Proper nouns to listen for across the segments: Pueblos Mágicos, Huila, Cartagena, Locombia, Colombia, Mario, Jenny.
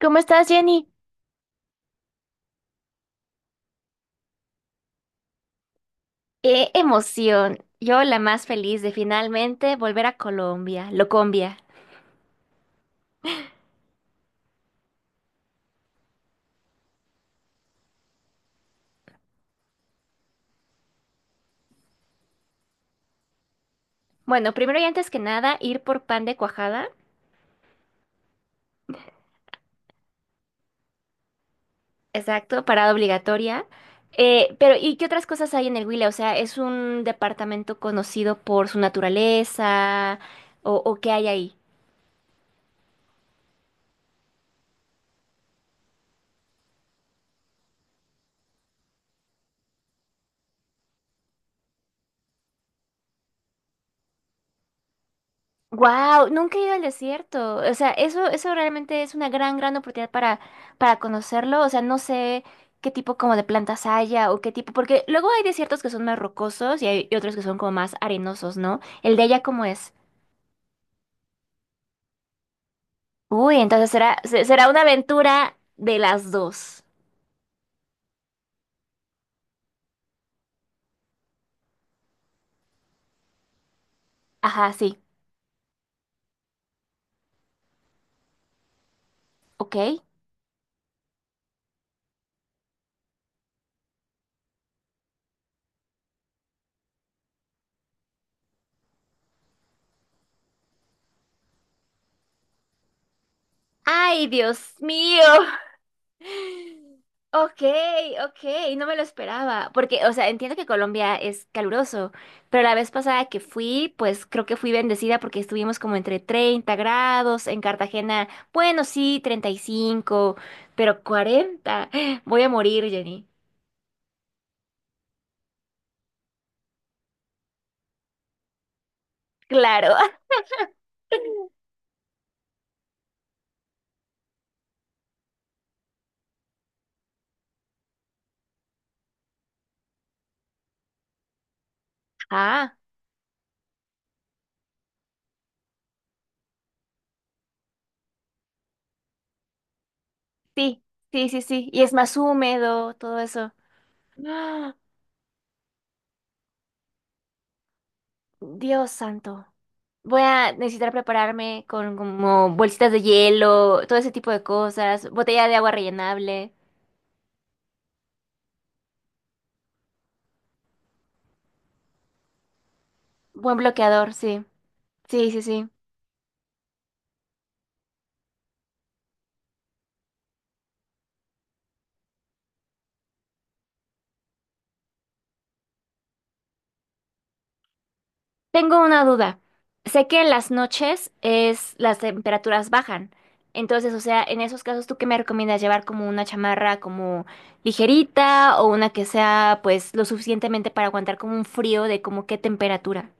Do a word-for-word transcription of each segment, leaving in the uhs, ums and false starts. ¿Cómo estás, Jenny? ¡Qué emoción! Yo la más feliz de finalmente volver a Colombia, Locombia. Bueno, primero y antes que nada, ir por pan de cuajada, exacto, parada obligatoria. Eh, pero, ¿y qué otras cosas hay en el Huila? O sea, ¿es un departamento conocido por su naturaleza? ¿O, o qué hay ahí? Wow, nunca he ido al desierto. O sea, eso, eso realmente es una gran, gran oportunidad para, para conocerlo. O sea, no sé qué tipo como de plantas haya o qué tipo, porque luego hay desiertos que son más rocosos y hay y otros que son como más arenosos, ¿no? El de allá cómo es. Uy, entonces será, se- será una aventura de las dos. Ajá, sí. Ok. Ay, Dios mío. Ok, ok, no me lo esperaba, porque, o sea, entiendo que Colombia es caluroso, pero la vez pasada que fui, pues creo que fui bendecida porque estuvimos como entre treinta grados, en Cartagena, bueno, sí, treinta y cinco, pero cuarenta, voy a morir, Jenny. Claro, ah, sí, sí, sí, sí, y es más húmedo, todo eso. ¡Ah! Dios santo. Voy a necesitar prepararme con como bolsitas de hielo, todo ese tipo de cosas, botella de agua rellenable. Buen bloqueador, sí. Sí, sí, sí. Tengo una duda. Sé que en las noches es las temperaturas bajan. Entonces, o sea, en esos casos, ¿tú qué me recomiendas llevar como una chamarra como ligerita o una que sea pues lo suficientemente para aguantar como un frío de como qué temperatura?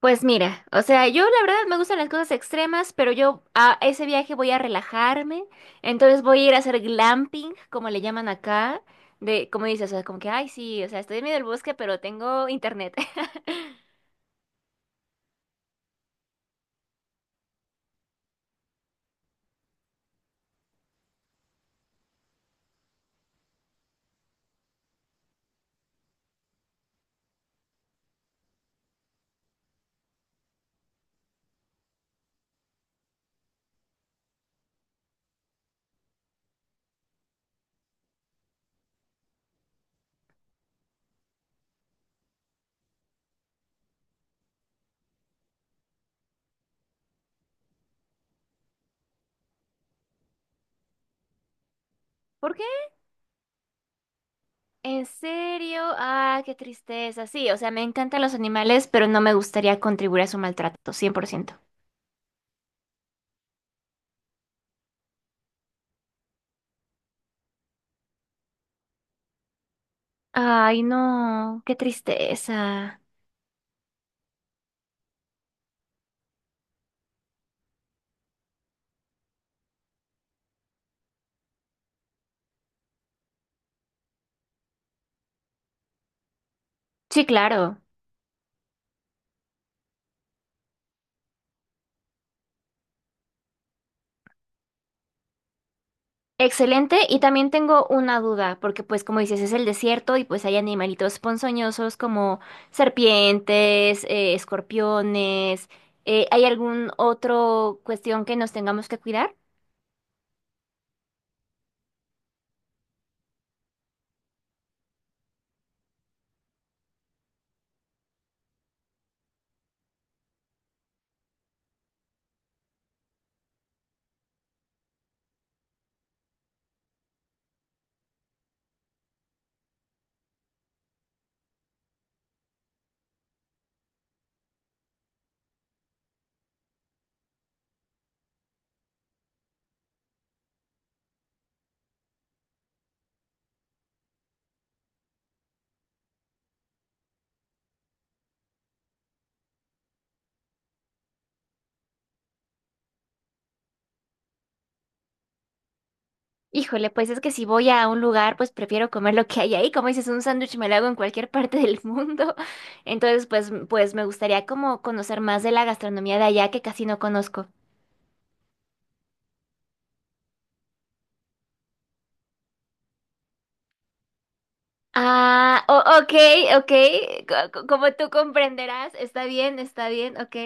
Pues mira, o sea, yo la verdad me gustan las cosas extremas, pero yo a ese viaje voy a relajarme, entonces voy a ir a hacer glamping, como le llaman acá, de, como dices, o sea, como que, ay, sí, o sea, estoy en medio del bosque, pero tengo internet. ¿Por qué? ¿En serio? Ah, qué tristeza. Sí, o sea, me encantan los animales, pero no me gustaría contribuir a su maltrato, cien por ciento. Ay, no, qué tristeza. Sí, claro. Excelente, y también tengo una duda, porque pues como dices, es el desierto y pues hay animalitos ponzoñosos como serpientes, eh, escorpiones, eh, ¿hay algún otro cuestión que nos tengamos que cuidar? Híjole, pues es que si voy a un lugar, pues prefiero comer lo que hay ahí, como dices, un sándwich me lo hago en cualquier parte del mundo, entonces pues, pues me gustaría como conocer más de la gastronomía de allá que casi no conozco. Ah, o- ok, ok, co- co- como tú comprenderás, está bien, está bien, ok.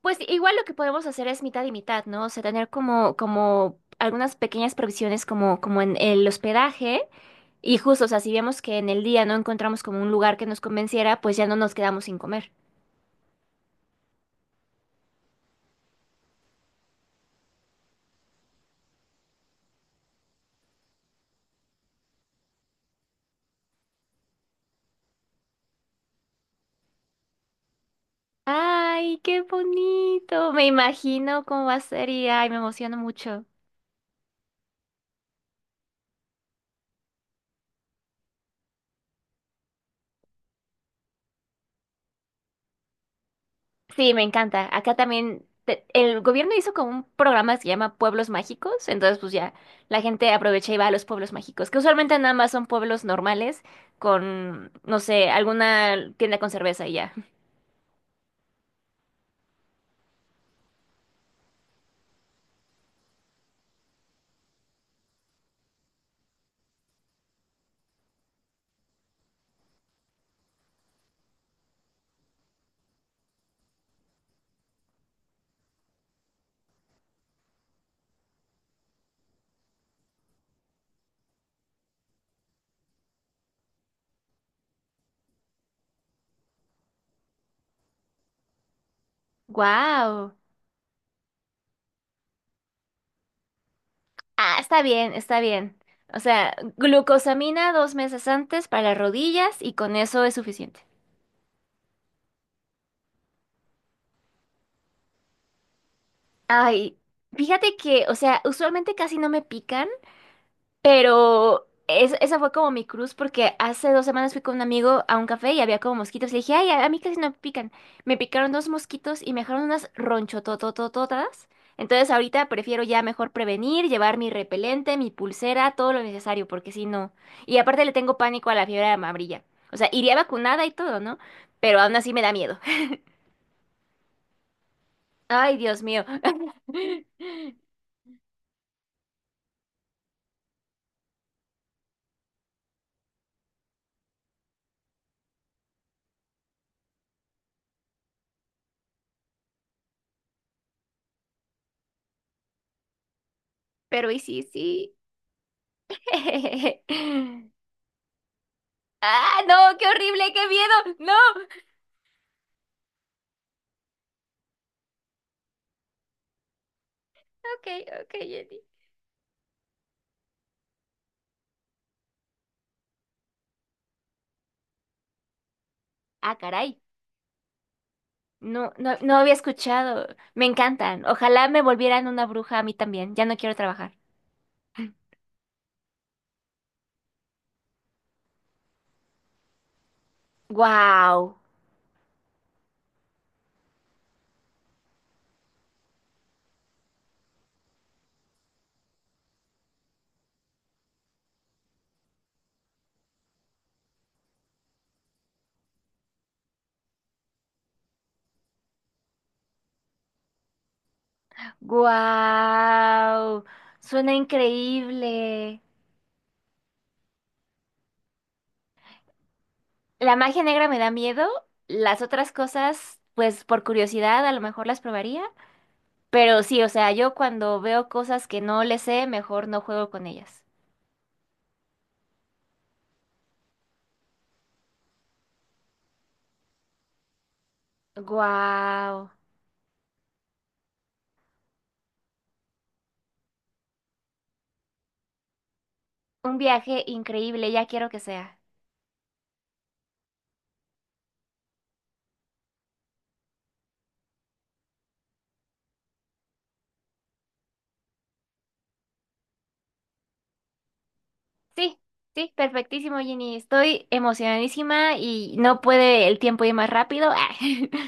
Pues igual lo que podemos hacer es mitad y mitad, ¿no? O sea, tener como, como algunas pequeñas provisiones como, como en el hospedaje y justo, o sea, si vemos que en el día no encontramos como un lugar que nos convenciera, pues ya no nos quedamos sin comer. Ay, qué bonito, me imagino cómo va a ser y ay, me emociono mucho. Sí, me encanta. Acá también te- el gobierno hizo como un programa que se llama Pueblos Mágicos, entonces pues ya la gente aprovecha y va a los pueblos mágicos, que usualmente nada más son pueblos normales con, no sé, alguna tienda con cerveza y ya. Wow. Ah, está bien, está bien. O sea, glucosamina dos meses antes para las rodillas y con eso es suficiente. Ay, fíjate que, o sea, usualmente casi no me pica. Pero es- esa fue como mi cruz porque hace dos semanas fui con un amigo a un café y había como mosquitos. Le dije, ay, a a mí casi no me pican. Me picaron dos mosquitos y me dejaron unas ronchotototototas. Entonces ahorita prefiero ya mejor prevenir, llevar mi repelente, mi pulsera, todo lo necesario, porque si no. Y aparte le tengo pánico a la fiebre amarilla. O sea, iría vacunada y todo, ¿no? Pero aún así me da miedo. Ay, Dios mío. Pero y sí, sí. Ah, no, qué horrible, qué miedo. No. Ok, ok, Jenny. Ah, caray. No, no, no había escuchado. Me encantan. Ojalá me volvieran una bruja a mí también. Ya no quiero trabajar. Guau. Guau. Suena increíble. La magia negra me da miedo. Las otras cosas, pues por curiosidad, a lo mejor las probaría. Pero sí, o sea, yo cuando veo cosas que no le sé, mejor no juego con ellas. Guau. Un viaje increíble, ya quiero que sea. Sí, sí, perfectísimo, Jenny. Estoy emocionadísima y no puede el tiempo ir más rápido.